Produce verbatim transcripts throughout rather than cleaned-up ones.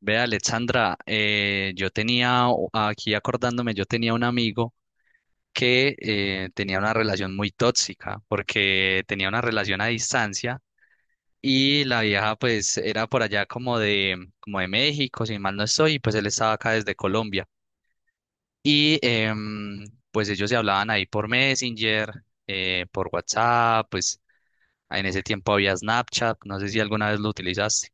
Ve, Alexandra, eh, yo tenía, o- aquí acordándome, yo tenía un amigo que eh, tenía una relación muy tóxica porque tenía una relación a distancia y la vieja pues era por allá como de, como de México, si mal no estoy, y pues él estaba acá desde Colombia. Y em, pues ellos se hablaban ahí por Messenger, eh, por WhatsApp. Pues en ese tiempo había Snapchat, no sé si alguna vez lo utilizaste.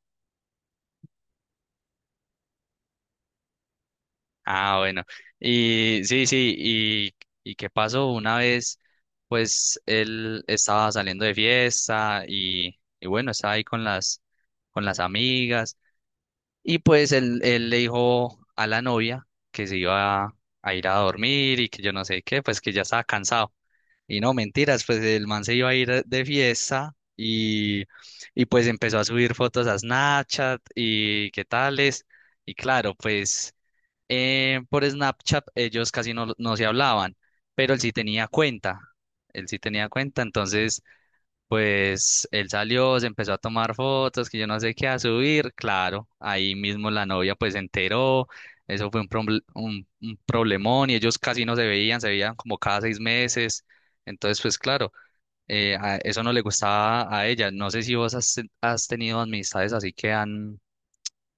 Ah, bueno. Y sí, sí, y, y qué pasó una vez, pues él estaba saliendo de fiesta y, y bueno, estaba ahí con las, con las amigas y pues él, él le dijo a la novia que se iba a, a ir a dormir y que yo no sé qué, pues que ya estaba cansado. Y no, mentiras, pues el man se iba a ir de fiesta y, y pues empezó a subir fotos a Snapchat y qué tales. Y claro, pues eh, por Snapchat ellos casi no, no se hablaban, pero él sí tenía cuenta, él sí tenía cuenta, entonces pues él salió, se empezó a tomar fotos, que yo no sé qué, a subir, claro, ahí mismo la novia pues se enteró, eso fue un, proble- un, un problemón y ellos casi no se veían, se veían como cada seis meses, entonces pues claro, eh, a- eso no le gustaba a ella, no sé si vos has, has tenido amistades así que han,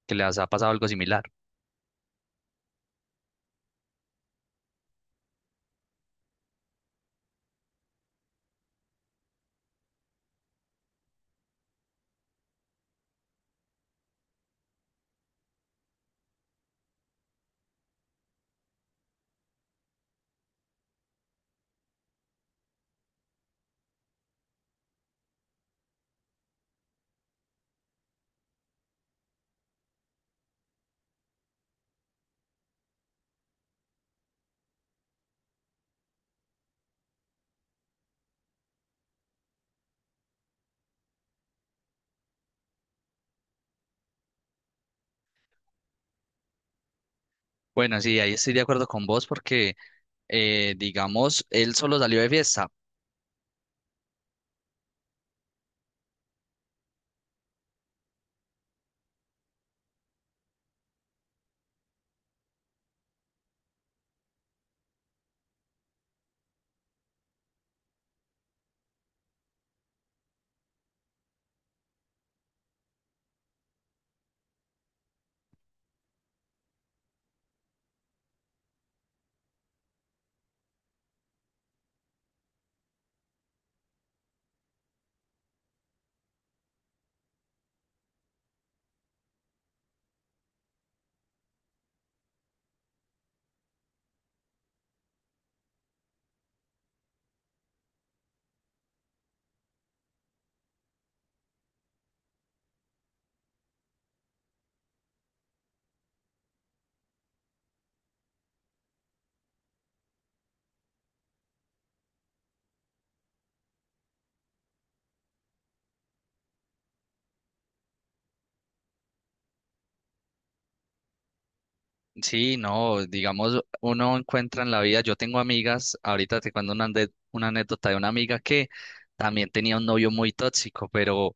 que les ha pasado algo similar. Bueno, sí, ahí estoy de acuerdo con vos porque, eh, digamos, él solo salió de fiesta. Sí, no, digamos, uno encuentra en la vida, yo tengo amigas, ahorita te cuento una, ande- una anécdota de una amiga que también tenía un novio muy tóxico. pero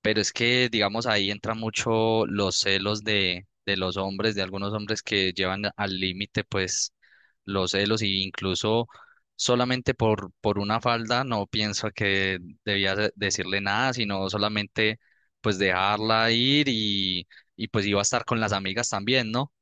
Pero es que, digamos, ahí entra mucho los celos de, de los hombres, de algunos hombres que llevan al límite, pues, los celos, y incluso solamente por, por una falda no pienso que debía de- decirle nada, sino solamente, pues, dejarla ir y, y pues iba a estar con las amigas también, ¿no?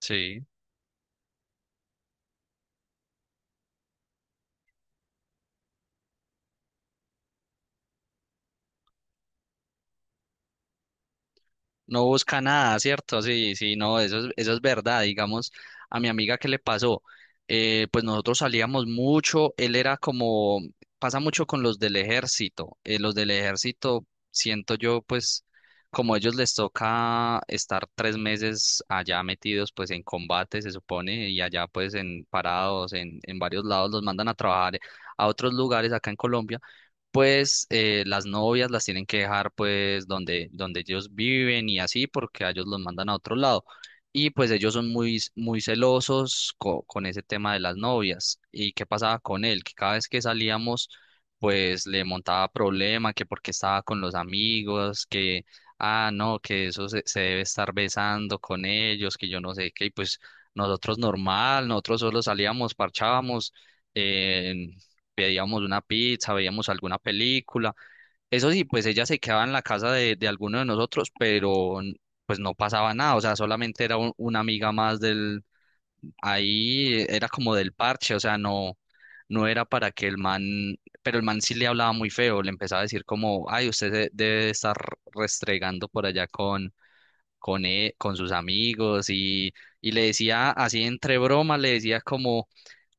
Sí, no busca nada, ¿cierto? Sí, sí, no, eso es, eso es verdad. Digamos, a mi amiga, ¿qué le pasó? Eh, pues nosotros salíamos mucho, él era como, pasa mucho con los del ejército. Eh, los del ejército, siento yo, pues, como ellos les toca estar tres meses allá metidos, pues, en combate, se supone, y allá, pues, en parados, en, en varios lados, los mandan a trabajar a otros lugares acá en Colombia. Pues eh, las novias las tienen que dejar pues donde, donde ellos viven y así porque a ellos los mandan a otro lado. Y pues ellos son muy, muy celosos co- con ese tema de las novias. ¿Y qué pasaba con él? Que cada vez que salíamos pues le montaba problema, que porque estaba con los amigos, que, ah, no, que eso se, se debe estar besando con ellos, que yo no sé qué, y pues nosotros normal, nosotros solo salíamos, parchábamos, pedíamos una pizza, veíamos alguna película. Eso sí, pues ella se quedaba en la casa de, de alguno de nosotros, pero n- pues no pasaba nada, o sea, solamente era un- una amiga más del, ahí eh, era como del parche, o sea, no, no era para que el man, pero el man sí le hablaba muy feo, le empezaba a decir como, ay, usted se- debe estar restregando por allá con, con, e- con sus amigos, y, y le decía así entre broma, le decía como,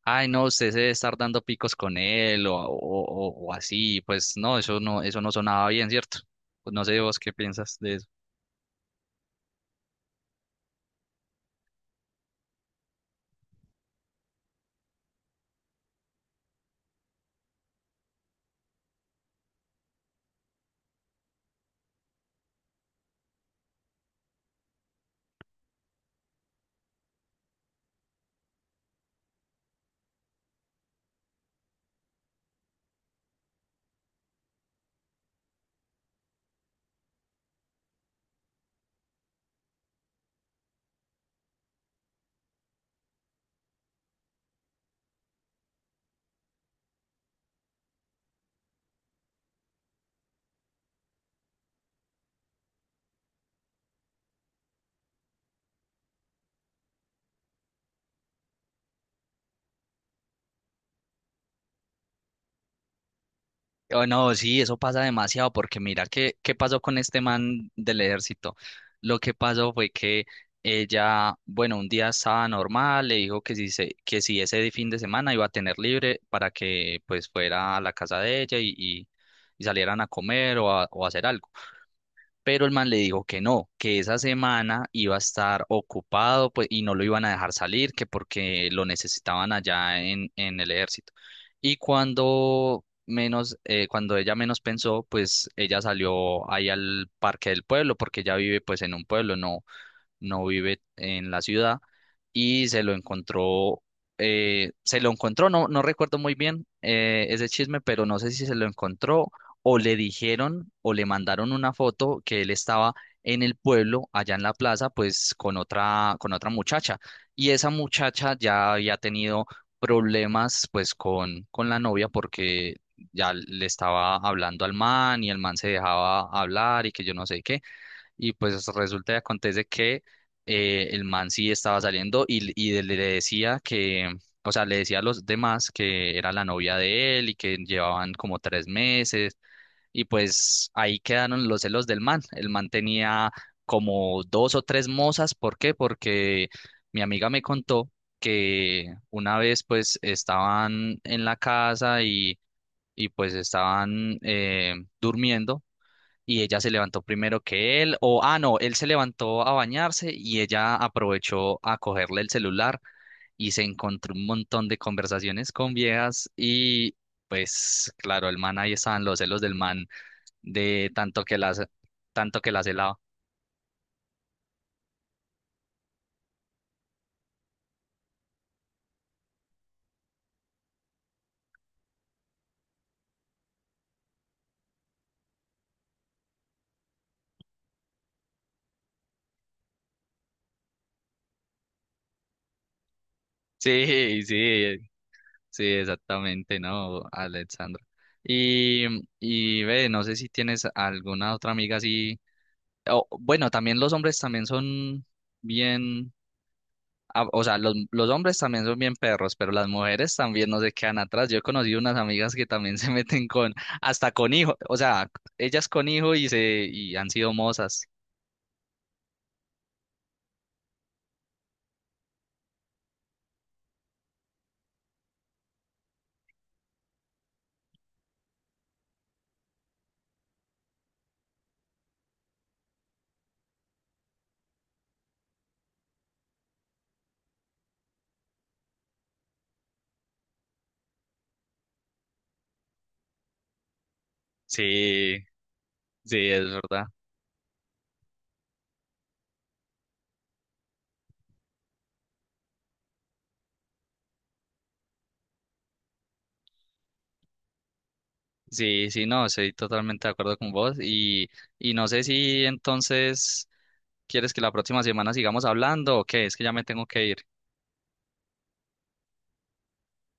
ay, no, usted se debe estar dando picos con él, o, o, o- o así. Pues no, eso no, eso no sonaba bien, ¿cierto? Pues no sé vos qué piensas de eso. Oh, no, sí, eso pasa demasiado porque mira, ¿qué, qué pasó con este man del ejército? Lo que pasó fue que ella, bueno, un día estaba normal, le dijo que si, se, que si ese fin de semana iba a tener libre para que pues fuera a la casa de ella y, y, y salieran a comer o a, o a hacer algo. Pero el man le dijo que no, que esa semana iba a estar ocupado pues, y no lo iban a dejar salir, que porque lo necesitaban allá en, en el ejército. Y cuando menos, eh, cuando ella menos pensó, pues ella salió ahí al parque del pueblo, porque ella vive pues en un pueblo, no, no vive en la ciudad, y se lo encontró. Eh, se lo encontró, no, no recuerdo muy bien eh, ese chisme, pero no sé si se lo encontró o le dijeron o le mandaron una foto que él estaba en el pueblo, allá en la plaza, pues con otra, con otra muchacha. Y esa muchacha ya había tenido problemas pues con, con la novia porque ya le estaba hablando al man y el man se dejaba hablar y que yo no sé qué. Y pues resulta y acontece que eh, el man sí estaba saliendo y, y de- le decía que, o sea, le decía a los demás que era la novia de él y que llevaban como tres meses. Y pues ahí quedaron los celos del man. El man tenía como dos o tres mozas. ¿Por qué? Porque mi amiga me contó que una vez pues estaban en la casa y, y pues estaban eh, durmiendo y ella se levantó primero que él, o ah, no, él se levantó a bañarse y ella aprovechó a cogerle el celular y se encontró un montón de conversaciones con viejas, y pues claro, el man, ahí estaban los celos del man, de tanto que las tanto que las helaba. Sí, sí, sí, exactamente, ¿no, Alexandra? Y, y ve, no sé si tienes alguna otra amiga así. O, bueno, también los hombres también son bien, ah, o sea, los, los hombres también son bien perros, pero las mujeres también no se quedan atrás. Yo he conocido unas amigas que también se meten con, hasta con hijo, o sea, ellas con hijo y se, y han sido mozas. Sí, sí, es verdad. Sí, sí, no, estoy totalmente de acuerdo con vos y, y no sé si entonces quieres que la próxima semana sigamos hablando o qué, es que ya me tengo que ir.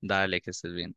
Dale, que estés bien.